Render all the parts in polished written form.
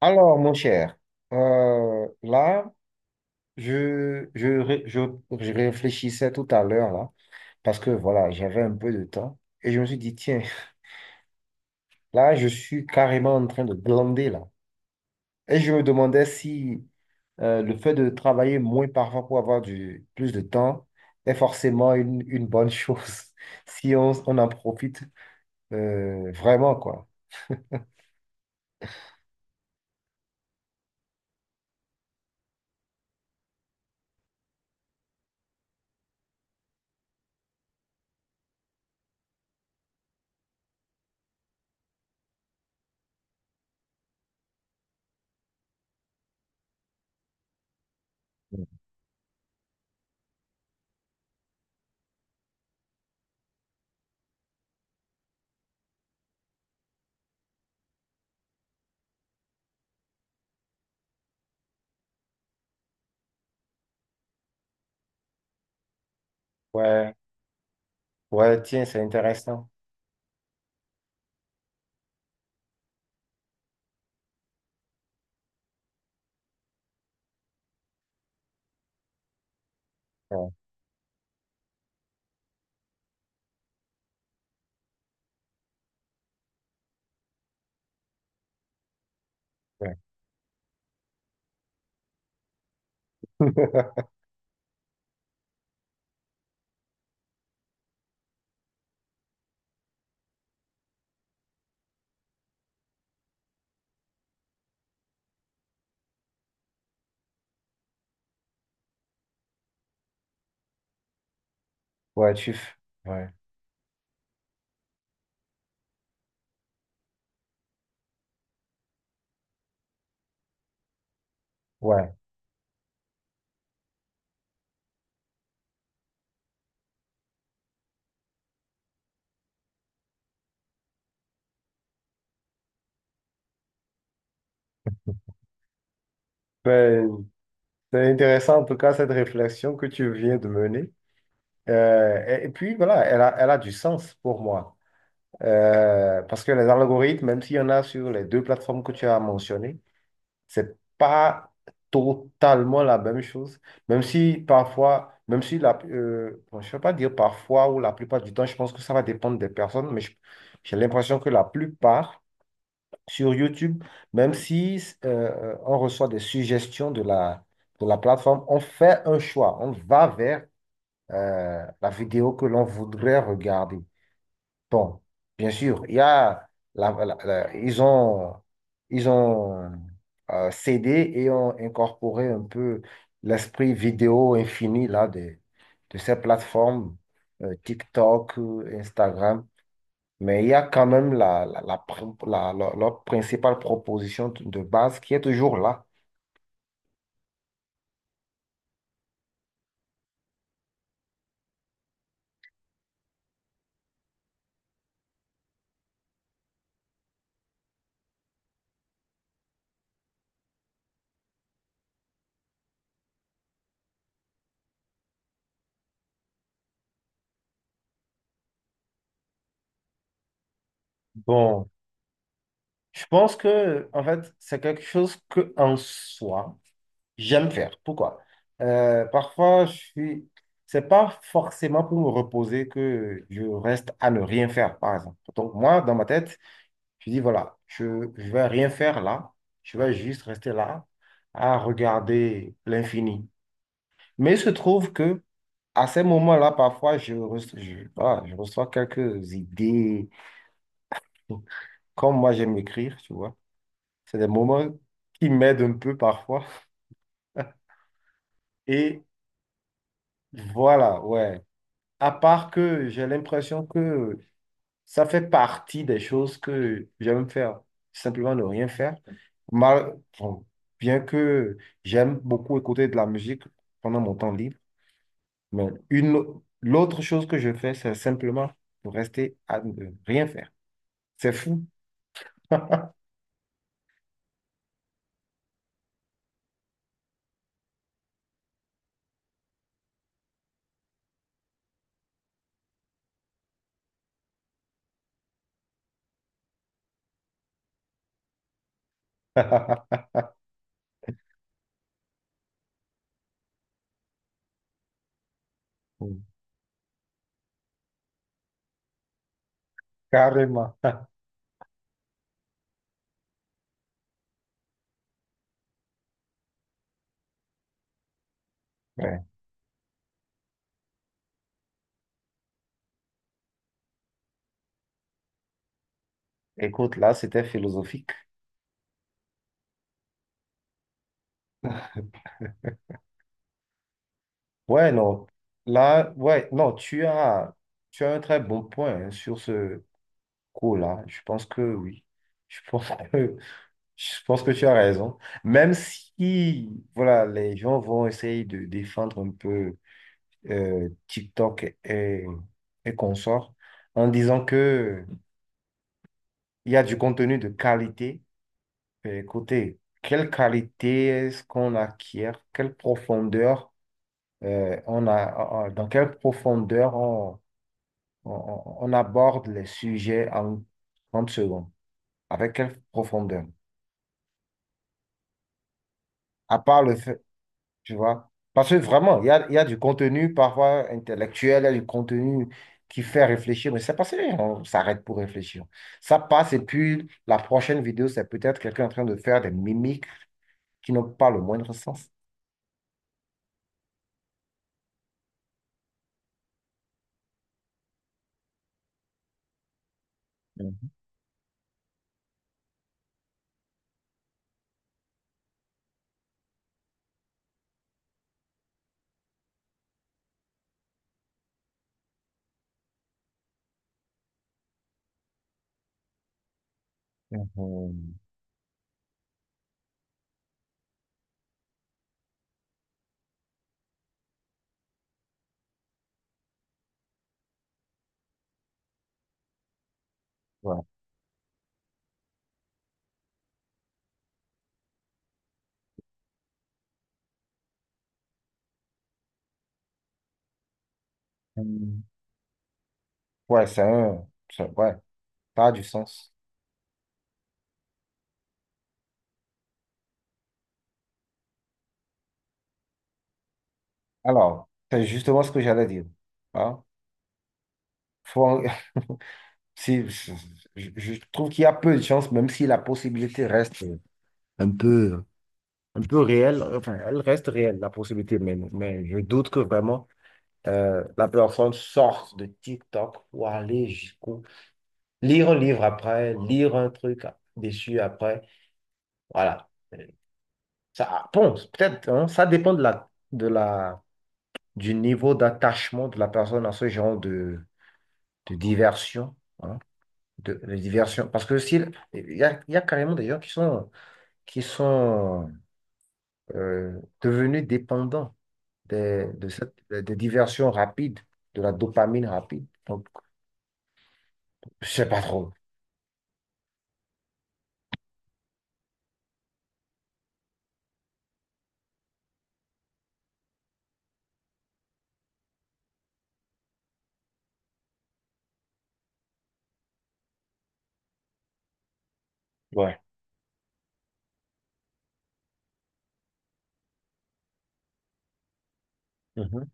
Alors, mon cher, là, je, je, ré- je, je réfléchissais tout à l'heure, là, parce que voilà, j'avais un peu de temps, et je me suis dit, tiens, là, je suis carrément en train de glander, là. Et je me demandais si le fait de travailler moins parfois pour avoir plus de temps est forcément une bonne chose, si on en profite vraiment, quoi. Ouais, ouais, tiens, c'est intéressant. Ouais, ouais. Ouais, tu... f- Ouais, ouais. Ben, c'est intéressant en tout cas cette réflexion que tu viens de mener. Et puis voilà, elle a du sens pour moi. Parce que les algorithmes, même s'il y en a sur les deux plateformes que tu as mentionnées, c'est pas totalement la même chose. Même si parfois, même si bon, je ne vais pas dire parfois ou la plupart du temps, je pense que ça va dépendre des personnes, j'ai l'impression que la plupart sur YouTube, même si on reçoit des suggestions de de la plateforme, on fait un choix, on va vers la vidéo que l'on voudrait regarder. Bon, bien sûr, il y a la- la- la- ils ont, ils ont cédé et ont incorporé un peu l'esprit vidéo infini là, de ces plateformes, TikTok, Instagram. Mais il y a quand même la, la, la pr- la- la- leur principale proposition de base qui est toujours là. Bon, je pense que, en fait, c'est quelque chose que, en soi, j'aime faire. Pourquoi? Parfois, je suis... C'est pas forcément pour me reposer que je reste à ne rien faire, par exemple. Donc, moi, dans ma tête, je dis, voilà, je vais rien faire là. Je vais juste rester là à regarder l'infini. Mais il se trouve que à ces moments-là, parfois, je reçois quelques idées. Comme moi, j'aime écrire, tu vois. C'est des moments qui m'aident un peu parfois. Et voilà, ouais. À part que j'ai l'impression que ça fait partie des choses que j'aime faire. Simplement ne rien faire. Mal, bon, bien que j'aime beaucoup écouter de la musique pendant mon temps libre. Mais l'autre chose que je fais, c'est simplement de rester à ne rien faire. C'est fou. Carrément. Ouais. Écoute, là, c'était philosophique. Ouais, non. Là, ouais, non, tu as un très bon point hein, sur ce coup-là. Je pense que oui. Je pense que, je pense que tu as raison. Même si, voilà, les gens vont essayer de défendre un peu TikTok et consorts en disant que il y a du contenu de qualité. Mais écoutez, quelle qualité est-ce qu'on acquiert? Quelle profondeur dans quelle profondeur on aborde les sujets en 30 secondes? Avec quelle profondeur? À part le fait, tu vois, parce que vraiment, il y a du contenu parfois intellectuel, il y a du contenu qui fait réfléchir, mais c'est parce qu'on s'arrête pour réfléchir. Ça passe et puis la prochaine vidéo, c'est peut-être quelqu'un en train de faire des mimiques qui n'ont pas le moindre sens. Mhm. Ouais. Mhm. Ouais, ça a du sens. Alors, c'est justement ce que j'allais dire. Hein? Faut- si, Je trouve qu'il y a peu de chances, même si la possibilité reste un peu, un peu réelle. Enfin, elle reste réelle, la possibilité, mais je doute que vraiment la personne sorte de TikTok pour aller jusqu'au... Lire un livre après, lire un truc dessus après. Voilà. Ça, ah, bon, peut-être, hein, ça dépend de du niveau d'attachement de la personne à ce genre de diversion, hein, de diversion. Parce que s'il il y a carrément des gens qui sont devenus dépendants de cette, des diversions rapides, de la dopamine rapide. Donc, je sais pas trop. Ouais. Mhm.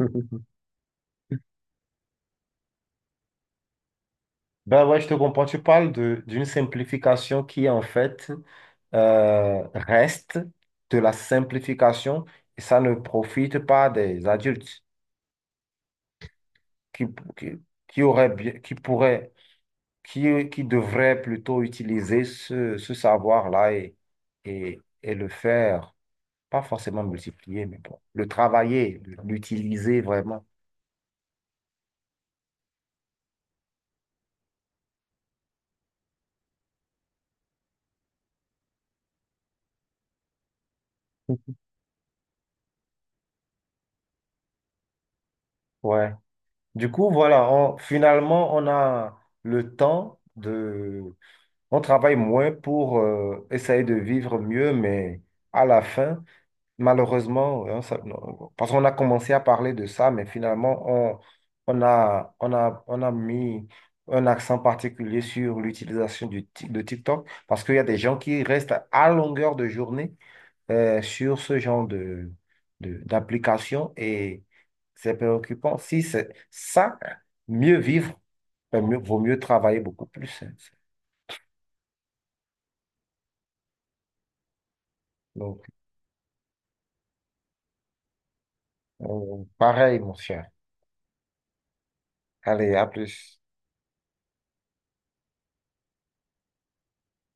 Ben ouais, je te comprends. Tu parles de d'une simplification qui en fait reste de la simplification et ça ne profite pas des adultes qui, qui, qui auraient bien, qui devraient plutôt utiliser ce savoir-là et le faire, pas forcément multiplier, mais bon, le travailler, l'utiliser vraiment. Ouais. Du coup, voilà, finalement, on a le temps. On travaille moins pour essayer de vivre mieux, mais à la fin, malheureusement, hein, non, parce qu'on a commencé à parler de ça, mais finalement, on a mis un accent particulier sur l'utilisation de TikTok, parce qu'il y a des gens qui restent à longueur de journée sur ce genre d'application et c'est préoccupant. Si c'est ça, mieux vivre, vaut mieux travailler beaucoup plus. Hein. Donc, euh, pareil, mon cher. Allez, à plus.